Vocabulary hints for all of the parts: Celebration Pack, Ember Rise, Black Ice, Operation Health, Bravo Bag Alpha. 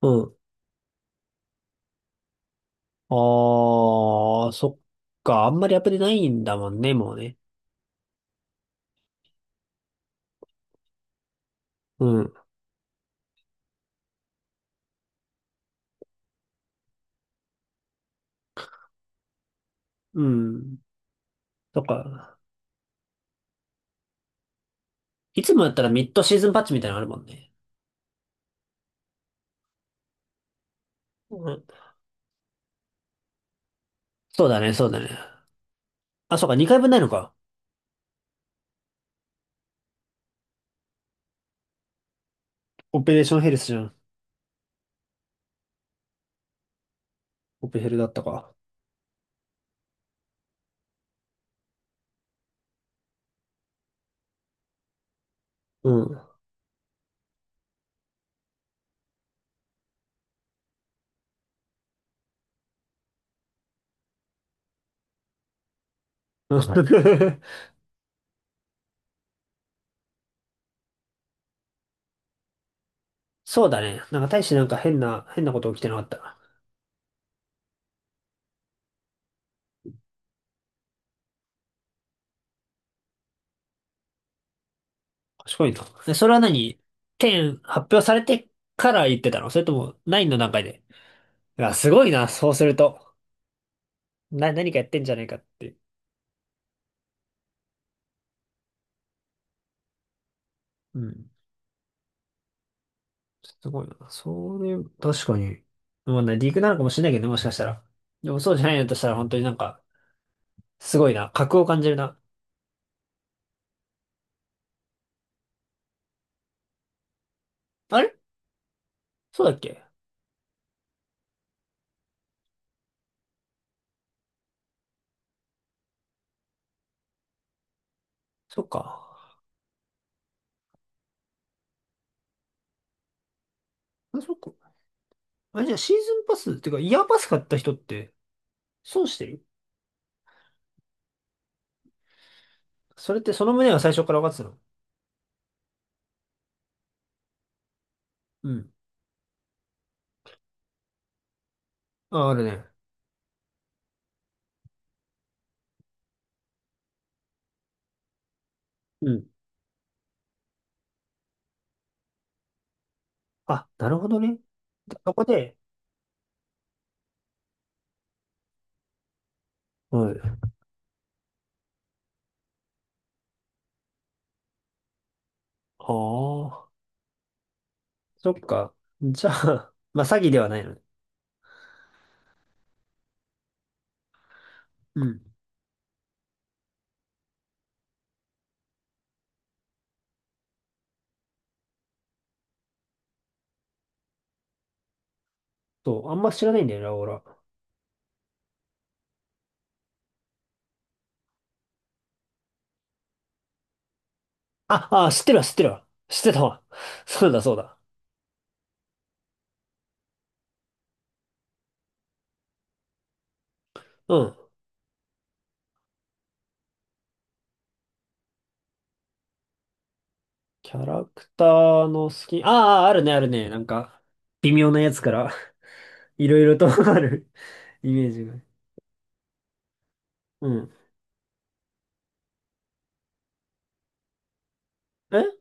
うん。ああ、そっか。あんまりアプデないんだもんね、もうね。うん。うん。そっか。いつもやったらミッドシーズンパッチみたいなのあるもんね。うん。そうだね、そうだね。あ、そうか、2回分ないのか。オペレーションヘルスじゃん。オペヘルだったか。うん。そうだね。なんか大してなんか変なこと起きてなかった。賢いな。で、それは何？ 10 発表されてから言ってたの？それとも9の段階で？いや、すごいな、そうすると。何かやってんじゃないかって。うん。すごいな。それ、確かに。まあね、リークなのかもしれないけどね、もしかしたら。でもそうじゃないのとしたら、本当になんか、すごいな。格を感じるな。あれ、そうだっけ？そっか。あ、そっか。あれ、じゃあ、シーズンパス、っていうか、イヤーパス買った人って、損してる？それってその旨は最初から分かってたの？うん。あ、あるね。うん。あ、なるほどね。で、そこで、はい。ああ、そっか。じゃあ、まあ、詐欺ではないのね。うん。そう、あんま知らないんだよな、俺は。あ、あ、知ってるわ、知ってるわ。知ってたわ。そうだ、そうだ。うん。キャラクターの好き。ああ、あるね、あるね。なんか、微妙なやつから いろいろと あるイメージが。うん。え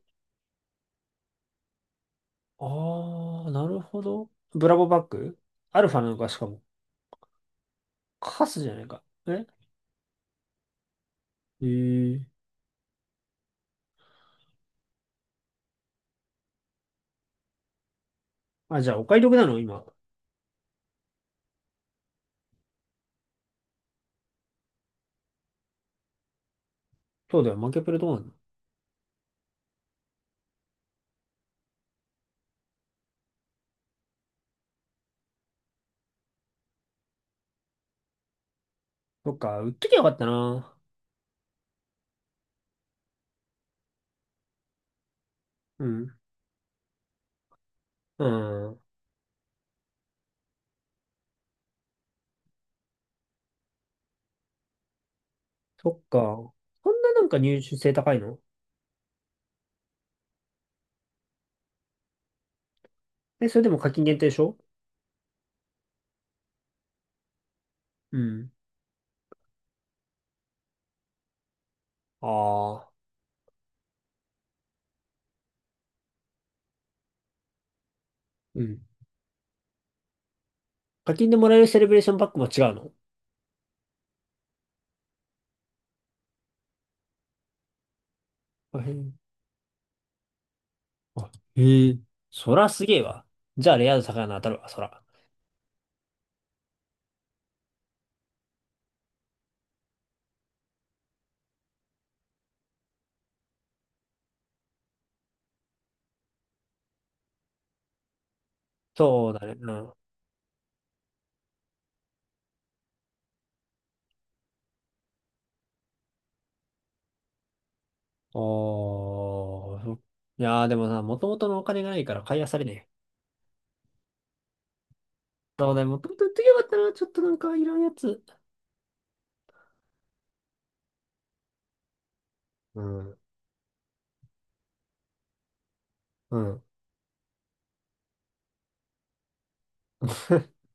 ああー、なるほど。ブラボーバッグ？アルファなのか、しかも。カスじゃないか。ええー。あ、じゃあ、お買い得なの今？そうだよ、負けプレどうなの？そっか、売っときゃよかったな。うん。うん。そっか。そんななんか入手性高いの？え、それでも課金限定でしょ？うん。ああ。うん。課金でもらえるセレブレーションパックも違うの？あへえあ、へえ。そらすげえわ。じゃあ、レア度高いの当たるわ、そら。そうだね。うん。おあ、いやー、でもさ、もともとのお金がないから買い漁れねえ。そうだよ、もともと言っときゃよかったな。ちょっとなんかいらんやつ。うん。うん。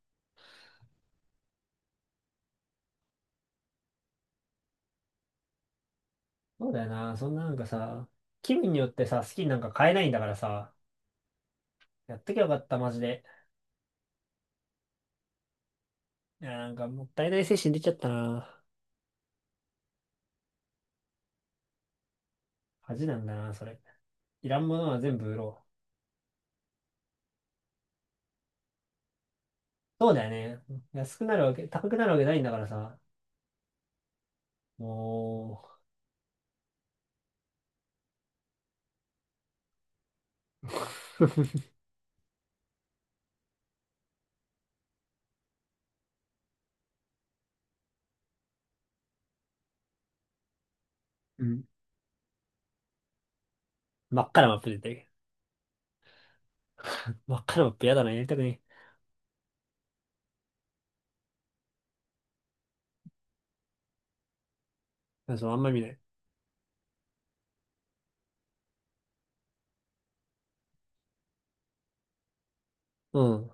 そうだよな。そんななんかさ、気分によってさ、好きになんか買えないんだからさ、やっときゃよかった、マジで。いや、なんかもったいない精神出ちゃったな。恥なんだな、それ。いらんものは全部売ろう。そうだよね。安くなるわけ、高くなるわけないんだからさ。もう、うん。真っ赤なマップ出てる。真っ赤なマップやだな、やりたくねえ。そう、あんま見ない。うん。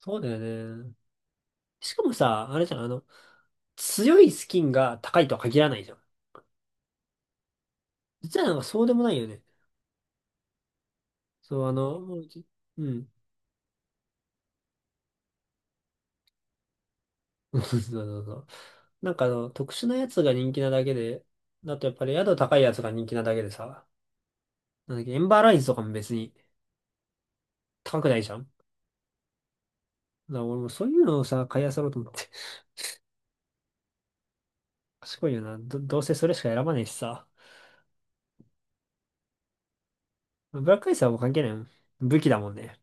そうだよね。しかもさ、あれじゃん、あの、強いスキンが高いとは限らないじゃん。実はなんかそうでもないよね。そう、あの、もうじうん。そうそうそう。なんかあの、特殊なやつが人気なだけで、だとやっぱり宿高いやつが人気なだけでさ、なんだっけ、エンバーライズとかも別に高くないじゃん。だから俺もそういうのをさ、買い漁ろうと思って。賢いよな。どうせそれしか選ばねえしさ。ブラックアイスはもう関係ないもん。武器だもんね。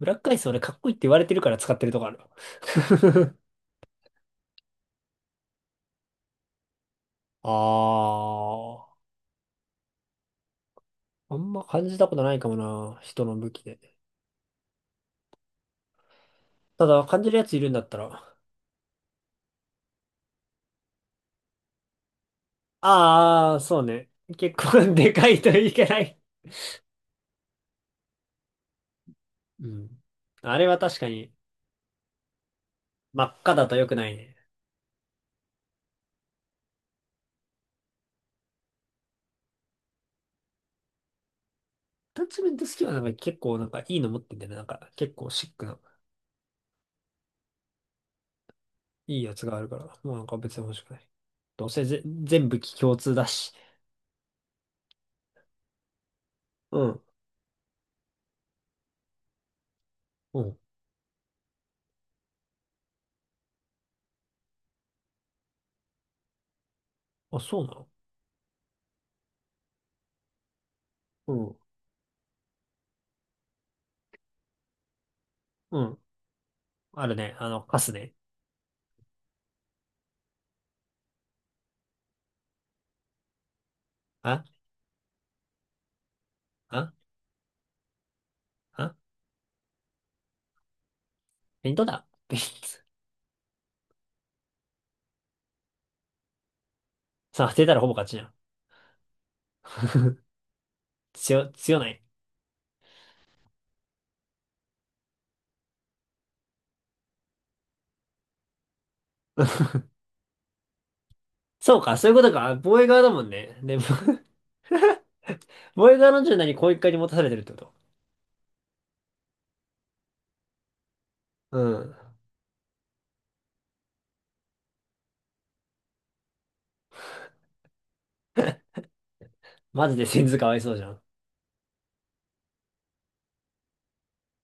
ブラックアイス俺かっこいいって言われてるから使ってるとこある。ああ、あんま感じたことないかもな。人の武器で。ただ、感じるやついるんだったら。ああ、そうね。結構 でかいといけない。うん。あれは確かに、真っ赤だと良くないね。タッチメントスキルはなんか結構なんかいいの持ってんだよね。なんか結構シックな、いいやつがあるから。もうなんか別に欲しくない。どうせぜ全部機共通だし。うん、うん。あ、そうなの？うん。うん。あるね。あの、カスね。あああ、ペイントだ。ペイント。さあ、当てたらほぼ勝ちじゃん。強ない？そうか、そういうことか。防衛側だもんね。で、防衛側の柔軟にこう一回に持たされてるってこと。うん。マジで先頭かわいそうじゃん。